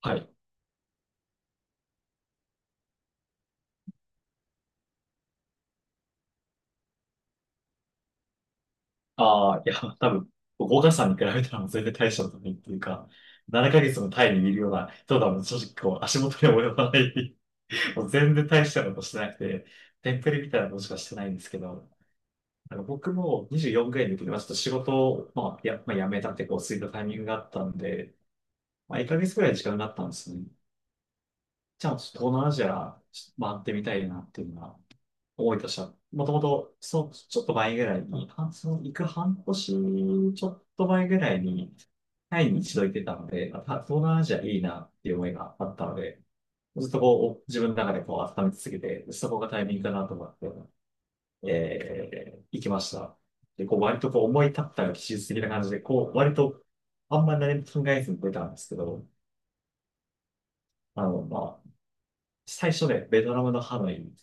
はい。ああ、いや、多分、岡さんに比べたらもう全然大したことないっていうか、7ヶ月のタイにいるような人だもん、正直こう、足元に及ばない。もう全然大したことしてなくて、テンプレみたいなことしかしてないんですけど、なんか僕も24ぐらいの時に、まあちょっと仕事を、まあ、まあ、辞めたってこう、過いたタイミングがあったんで、まあ、1ヶ月ぐらい時間があったんですね。じゃあ、ちょっと東南アジア、回ってみたいなっていうのは思いとした。は、もともと、そう、ちょっと前ぐらいに、半その行く半年、ちょっと前ぐらいに、タイに一度行ってたので、まあた東南アジアいいなっていう思いがあったので、ずっとこう、自分の中でこう、温め続けて、そこがタイミングかなと思って、行きました。で、こう、割とこう、思い立ったら技術的な感じで、こう、割と、あんまり何も考えずに出たんですけど、あの、まあ、最初で、ベトナムのハノイ。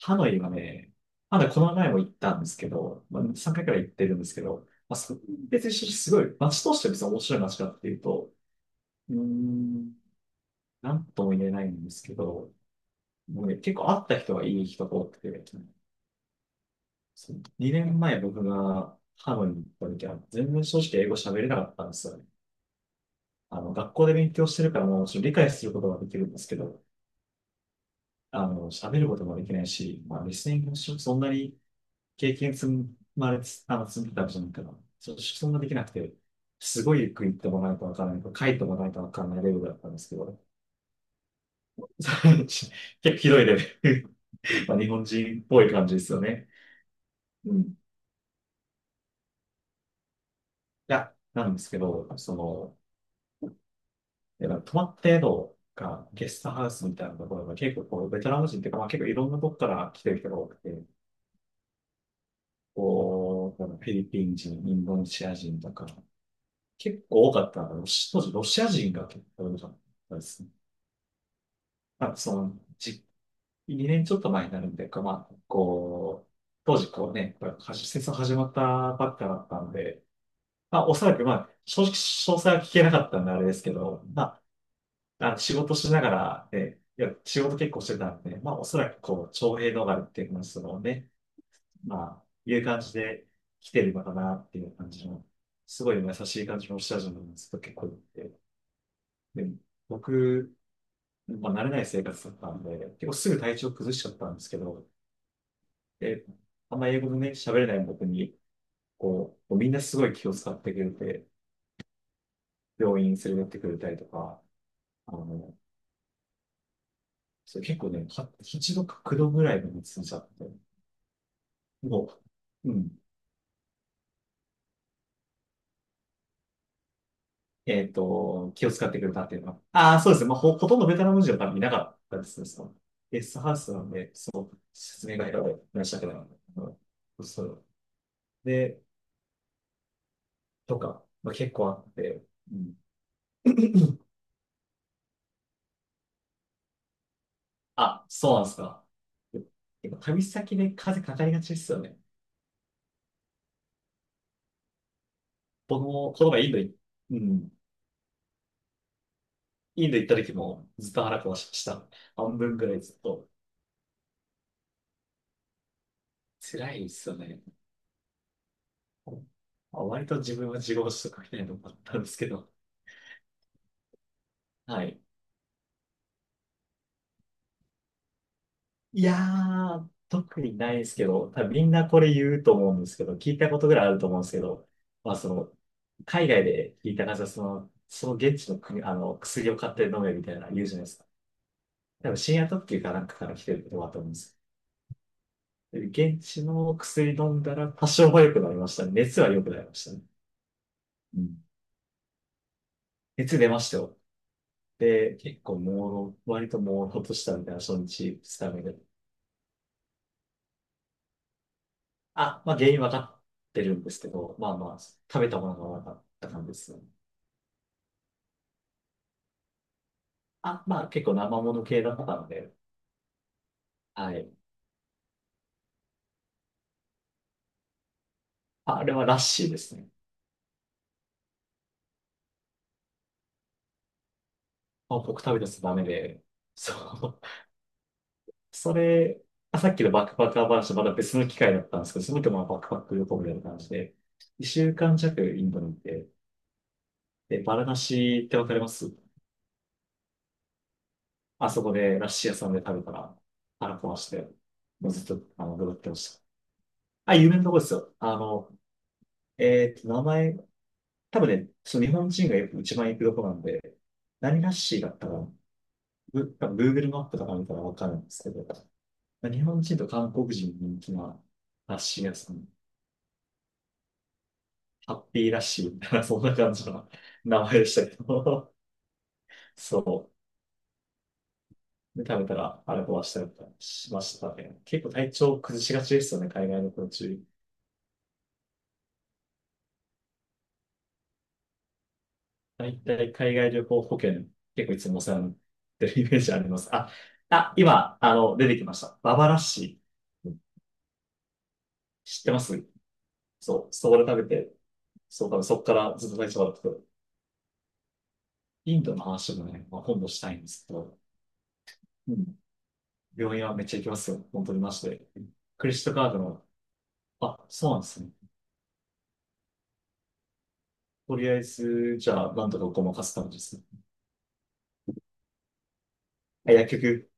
ハノイはね、まだこの前も行ったんですけど、まあ、3回くらい行ってるんですけど、まあ、別にすごい、街として別に面白い街かっていうと、うーん、なんとも言えないんですけど、もうね、結構会った人はいい人が多くて、2年前僕がハノイに行った時は、全然正直英語喋れなかったんですよね。あの、学校で勉強してるからもちろん理解することができるんですけど、あの、喋ることもできないし、まあ、リスニングもそんなに経験積まれつ、あの、積んでたわけじゃないから、ちょっとそんなできなくて、すごいゆっくり行ってもらわないとわからないと、書いてもらわないとわからないレベルだったんですけど、結構ひどいレベル。まあ、日本人っぽい感じですよね。うん。いや、なんですけど、その、やっぱ泊まった宿がゲストハウスみたいなところが結構こう、ベトナム人っていうか、まあ、結構いろんなとこから来てる人が多くて、こう、フィリピン人、インドネシア人とか、結構多かったのが当時ロシア人が結構多かったですね。まあ、その、2年ちょっと前になるんでか、こうまあ、こう、当時こうね、これ、はし戦争始まったばっかだったんで、まあ、おそらく、まあ、正直、詳細は聞けなかったんであれですけど、まあ、仕事しながら、ね、いや、仕事結構してたんで、まあ、おそらく、こう、徴兵逃れっていうのは、そのね、まあ、いう感じで来てるのかなっていう感じの、すごい優しい感じの下地のずっと結構いて、で、僕、まあ、慣れない生活だったんで、結構すぐ体調崩しちゃったんですけど、で、あんま英語のね、喋れない僕に、こう、みんなすごい気を使ってくれて、病院連れてってくれたりとか、あの、そう結構ね、一度か九度ぐらいまで進んじちゃって、もう、うん、気を使ってくれたっていうのは。ああ、そうですね。まあ、ほとんどベトナム人は多分いなかったですね。そのゲストハウスなんで、そう、説明がいらっしゃってなた。うん。そう。で、とか、まあ、結構あって、うん。あ、そうなんですか。結構旅先で風かかりがちですよね。僕も、この前うん、インド行った時もずっと腹壊しました。半分ぐらいずっと。辛いですよね。あ、割と自分は自業自得みたいなのもあったんですけど。はい。いやー、特にないですけど、多分みんなこれ言うと思うんですけど、聞いたことぐらいあると思うんですけど、まあその、海外で聞いた感じは、その現地の国、あの、薬を買って飲めみたいなの言うじゃないですか。多分深夜特急かなんかから来てることだと思うんですよ。で現地の薬飲んだら多少は良くなりましたね。熱は良くなりましたね。うん。熱出ましたよ。で、結構朦朧、割と朦朧としたみたいな初日、二日目で。あ、まあ原因分かってるんですけど、まあまあ、食べたものがなかった感じですね。あ、まあ結構生もの系だったので、はい。ああれはラッシーですね。あ、僕食べたやつダメで、そう。それ、あさっきのバックパッカー話とまだ別の機会だったんですけど、その時もまあバックパック旅行みたいな感じで、2週間弱インドに行って、で、バラナシってわかります？あそこでラッシー屋さんで食べたら腹壊して、もうずっと、あの、戻ってました。あ、有名なとこですよ。あの、名前、多分ね、その日本人がよく一番行くとこなんで、何ラッシーだったかな、多分 Google マップとか見たらわかるんですけど、日本人と韓国人に人気なラッシー屋さん。ハッピーラッシュみたいな、そんな感じの名前でしたけど、そう。で、食べたらあれ壊したりとかしましたね。結構体調崩しがちですよね、海外の途中。大体海外旅行保険、結構いつもお世話になってるイメージあります。今、あの、出てきました。ババラッシー。知ってます？そう、そこで食べて、そう、多分そこからずっと体調悪くて。インドの話もね、まあ、今度したいんですけど、うん。病院はめっちゃ行きますよ。本当にマジで。クレジットカードの。あ、そうなんですね。とりあえず、じゃあ、なんとかごまかす感じですね。あ、薬局、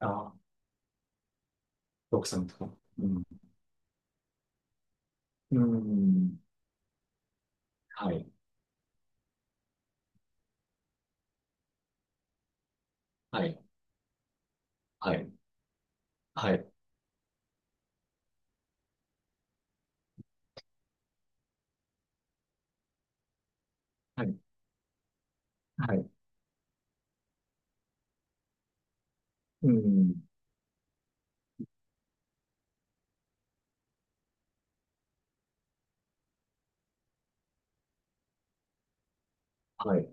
あ、奥さんとか。うん。うん。はい。はい。はい。はい。はい。はい。うん。はい。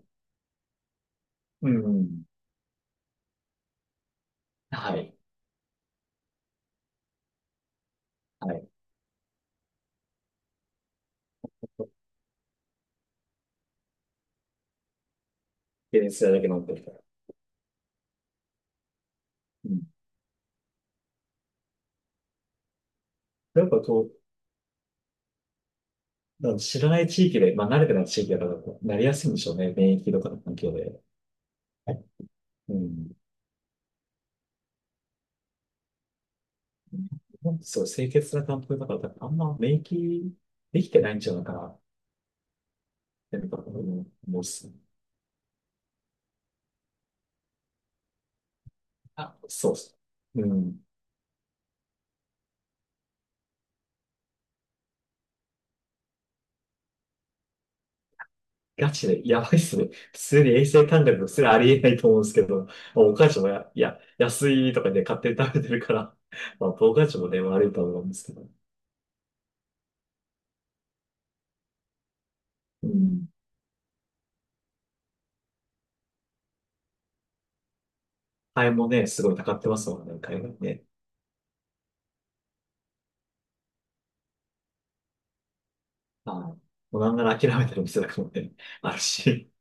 うん。はい。はい。で、それだけ飲んでるから。うん。やっぱこう、なんか知らない地域で、まあ、慣れてない地域だから、なりやすいんでしょうね。免疫とかの環境で。うん。そう、清潔な環境だから、多分あんま免疫できてないんじゃないかなって、なんか思うっすね。あ、そうっす。うん。ガチで、やばいっすね。普通に衛生感覚のすらありえないと思うんですけど、まあお母ちゃんもいや、安いとかで勝手に食べてるから、まあ、お母ちゃんもね、悪いと思うんですけど。うん。ハエもね、すごい高ってますもんね、海外ね。はい。もうなんなら諦めてる店だもね、あるし。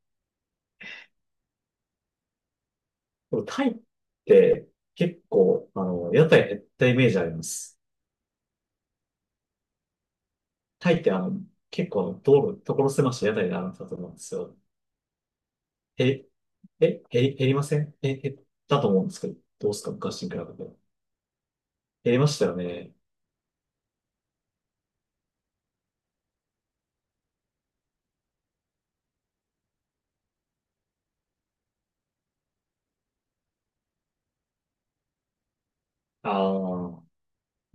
でもタイって結構、あの、屋台減ったイメージあります。タイってあの、結構道路、所狭しと屋台があるんだと思うんですよ。平え、減り、減りませんえ、減ったと思うんですけど、どうですか昔に比べて。減りましたよね。ああ、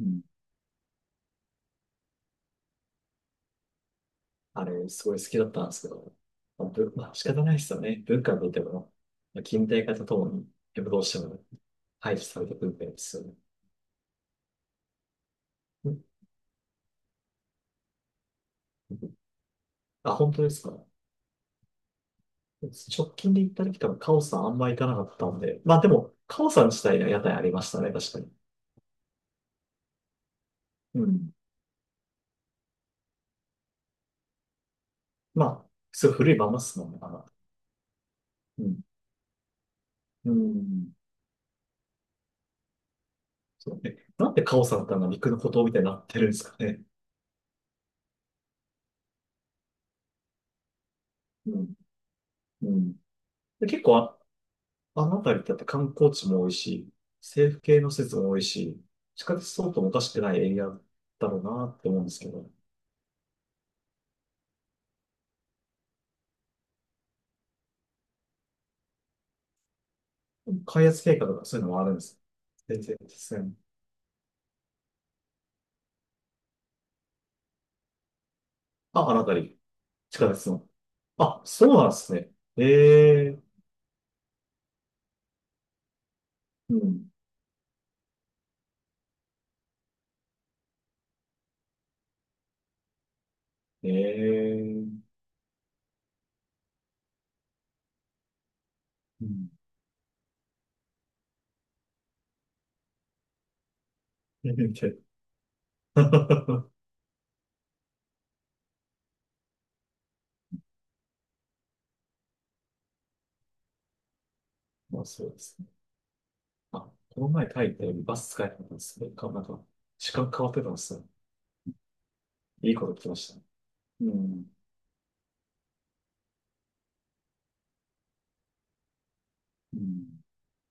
うん。あれ、すごい好きだったんですけど、まあ、まあ、仕方ないですよね。文化にとっても、まあ、近代化とともに、やっぱどうしても排除されてくるんですよね。ん。あ、本当ですか？直近で行った時多分カオさんあんま行かなかったんで、まあでも、カオさん自体は屋台ありましたね、確かに。うん。まあ、すごい古いまんまっすもんね、あの。うん。うん。そうね。なんでカオさんってあんな陸の孤島みたいになってるんですかね。うん。うん。で、結構あの辺りだって観光地も多いし、政府系の施設も多いし、地下鉄相当もおかしくないエリアだろうなって思うんですけど、開発計画とかそういうのもあるんです。全然ですね。あ、あの辺り、地下鉄の。あ、そうなんですね。ええ、うん。ええ、うん。まあそうです。あ、この前タイでバス使えなかったんですね。なんか、時間変わってたんですよ。いいこと聞きました。うん。うん